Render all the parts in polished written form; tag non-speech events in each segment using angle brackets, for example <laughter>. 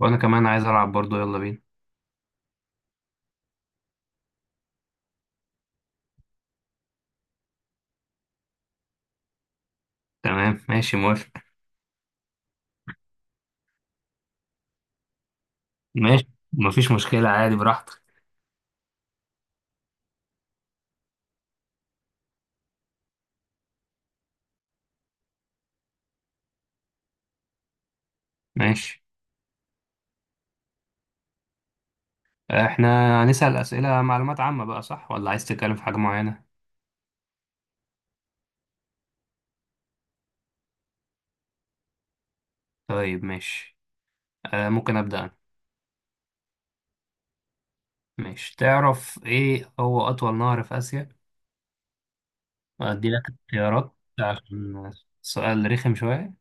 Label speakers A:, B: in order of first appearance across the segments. A: وانا كمان عايز العب برضو، يلا بينا. تمام ماشي موافق. ماشي مفيش مشكلة عادي براحتك. ماشي، احنا هنسأل أسئلة معلومات عامة بقى، صح ولا عايز تتكلم في حاجة معينة؟ طيب ماشي، آه ممكن أبدأ أنا. ماشي، تعرف ايه هو أطول نهر في آسيا؟ أدي لك اختيارات عشان سؤال رخم شوية.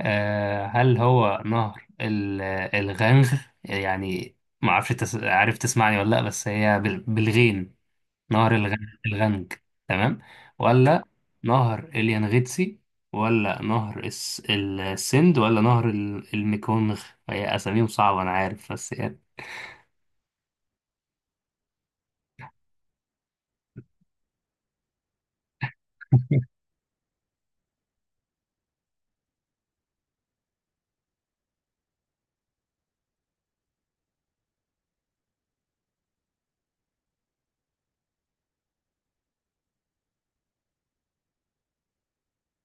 A: آه، هل هو نهر الغنغ؟ يعني عارف تسمعني ولا لأ؟ بس هي بالغين. نهر الغنج، تمام؟ ولا نهر اليانغيتسي، ولا نهر السند، ولا نهر الميكونغ؟ هي اساميهم صعبة انا عارف، بس يعني. <laughs>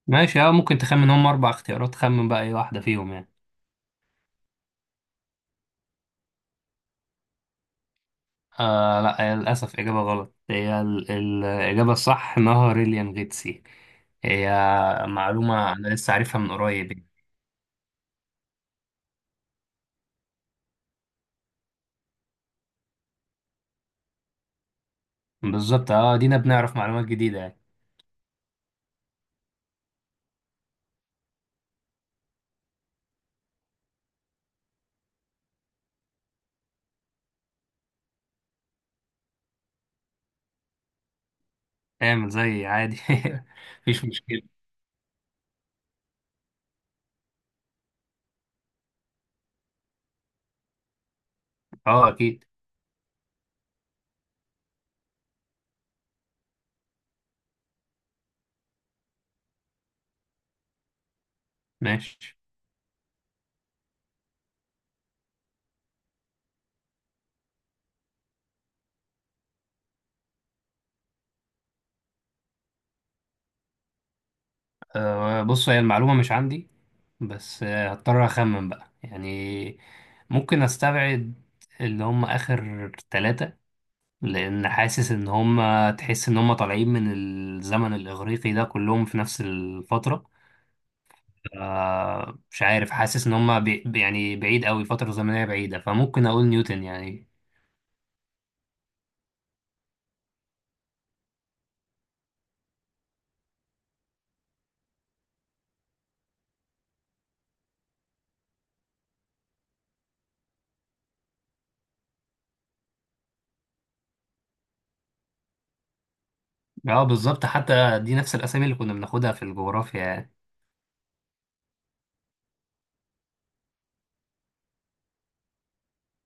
A: ماشي، اه ممكن تخمن، هم اربع اختيارات، خمن بقى اي واحدة فيهم يعني. آه لا، هي للاسف اجابة غلط. هي الاجابة الصح نهر اليانغيتسي. هي معلومة انا لسه عارفها من قريب يعني. بالظبط، اه دينا بنعرف معلومات جديدة يعني. اعمل زي عادي <laughs> مفيش مشكلة. اه اكيد. ماشي، أه بص، هي المعلومة مش عندي، بس هضطر أخمن بقى يعني. ممكن أستبعد اللي هم آخر ثلاثة، لأن حاسس إن هم، تحس إن هم طالعين من الزمن الإغريقي، ده كلهم في نفس الفترة. أه مش عارف، حاسس إن هم يعني بعيد أوي، فترة زمنية بعيدة، فممكن أقول نيوتن يعني. اه بالظبط، حتى دي نفس الأسامي اللي كنا بناخدها في الجغرافيا يعني.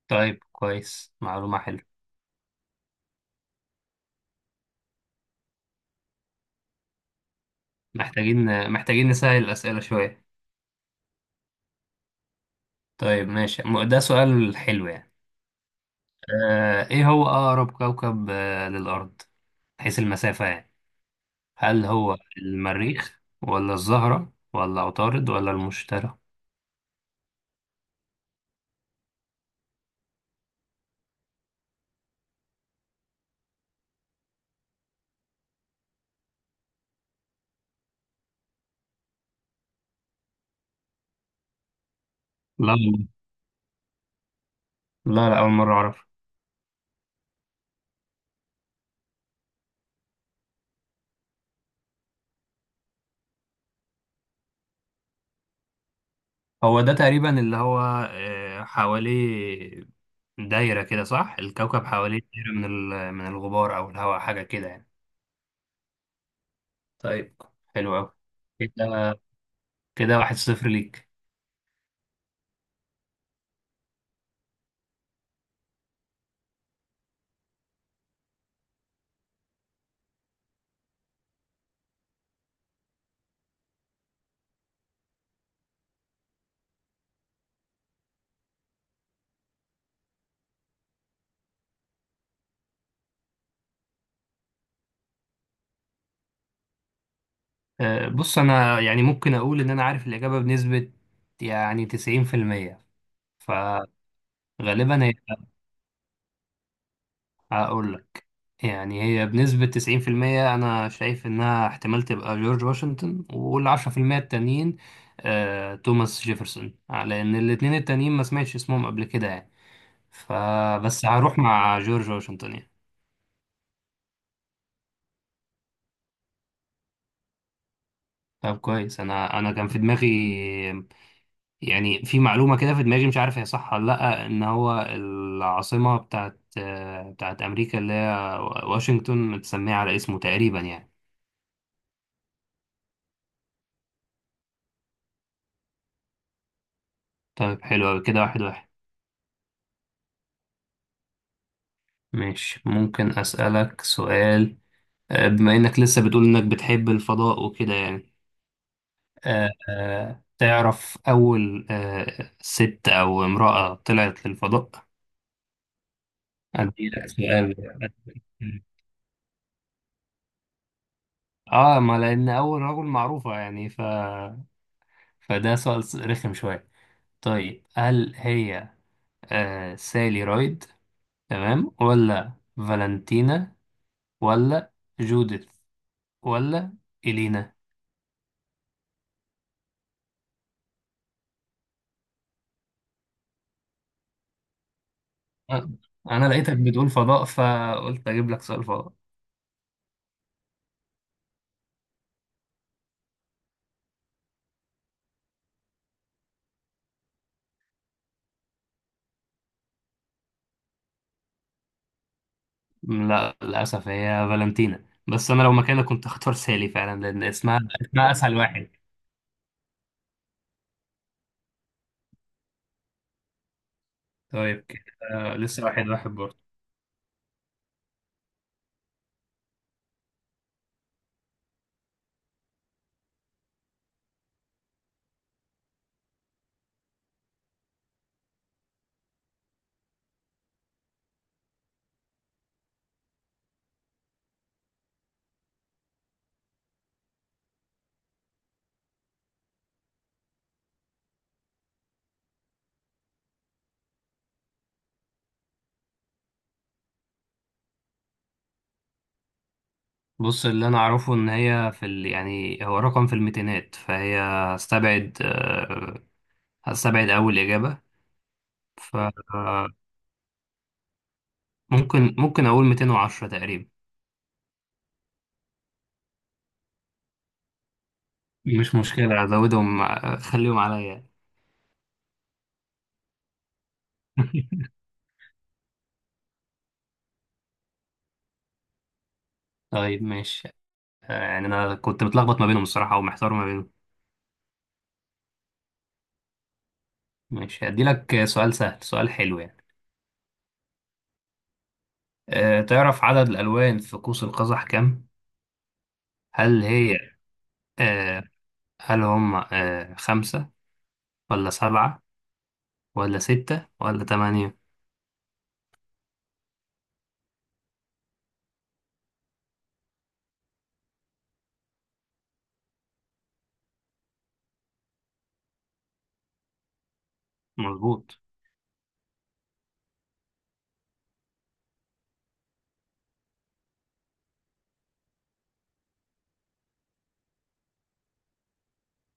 A: طيب كويس، معلومة حلوة. محتاجين نسهل الأسئلة شوية. طيب ماشي، ده سؤال حلو يعني. آه ايه هو اقرب كوكب للارض، حيث المسافة يعني؟ هل هو المريخ، ولا الزهرة، ولا عطارد، ولا المشتري؟ لا والله، لا لا، اول مرة اعرف. هو ده تقريبا اللي هو، آه حواليه دايرة كده صح؟ الكوكب حواليه دايرة من من الغبار او الهواء، حاجة كده يعني. طيب حلو قوي كده، كده واحد صفر ليك. بص انا يعني ممكن اقول ان انا عارف الاجابه بنسبه يعني 90%، فغالبا هي، هقول لك، يعني هي بنسبه 90%، انا شايف انها احتمال تبقى جورج واشنطن، وال 10% التانيين توماس جيفرسون، لان الاتنين التانيين ما سمعتش اسمهم قبل كده يعني، فبس هروح مع جورج واشنطن يعني. طب كويس، انا كان في دماغي يعني، في معلومة كده في دماغي مش عارف هي صح ولا لأ، إن هو العاصمة بتاعت، بتاعت أمريكا اللي هي واشنطن، متسمية على اسمه تقريبا يعني. طيب حلو أوي، كده واحد واحد. ماشي، ممكن أسألك سؤال؟ بما إنك لسه بتقول إنك بتحب الفضاء وكده يعني، تعرف أول ست أو امرأة طلعت للفضاء؟ أديلك سؤال بقى. اه، ما لان اول رجل معروفه يعني، ف فده سؤال رخم شويه. طيب هل هي آه سالي رايد تمام، ولا فالنتينا، ولا جوديث، ولا إلينا؟ أ- أنا لقيتك بتقول فضاء فقلت أجيب لك سؤال فضاء. لا للأسف هي فالنتينا، بس أنا لو مكانك كنت هختار سالي فعلا، لأن اسمها أسهل واحد. طيب كده، آه لسه واحد واحد برضه. بص اللي أنا أعرفه إن هي في يعني هو رقم في الميتينات، فهي هستبعد آه، هستبعد أول إجابة. ف ممكن اقول 210 تقريبا. مش مشكلة ازودهم <laughs> خليهم عليا. <laughs> طيب ماشي، يعني انا كنت متلخبط ما بينهم الصراحة، ومحتار ما بينهم. ماشي، هدي لك سؤال سهل، سؤال حلو يعني. أه تعرف عدد الالوان في قوس القزح كام؟ هل هي أه، هل هم أه خمسة، ولا سبعة، ولا ستة، ولا تمانية؟ مظبوط.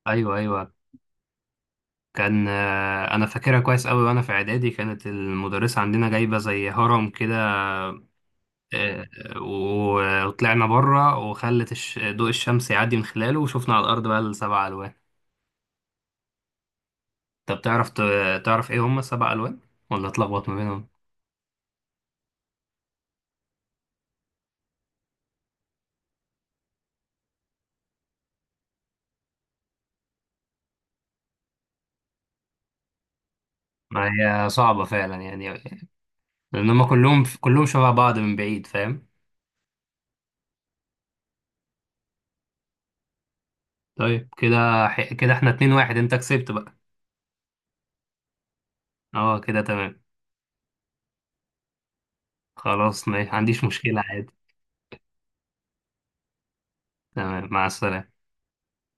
A: ايوه ايوه، كان انا فاكرها كويس قوي، وانا في اعدادي كانت المدرسة عندنا جايبة زي هرم كده، آه، وطلعنا بره وخلت ضوء الشمس يعدي من خلاله، وشفنا على الأرض بقى السبع ألوان. طب تعرف تعرف إيه هم السبع ألوان، ولا اتلخبط ما بينهم؟ ما هي صعبة فعلا يعني، لأن هم كلهم شبه بعض من بعيد، فاهم؟ طيب كده، كده احنا اتنين واحد، أنت كسبت بقى. اه كده تمام، خلاص ما عنديش مشكلة عادي. تمام مع السلامة.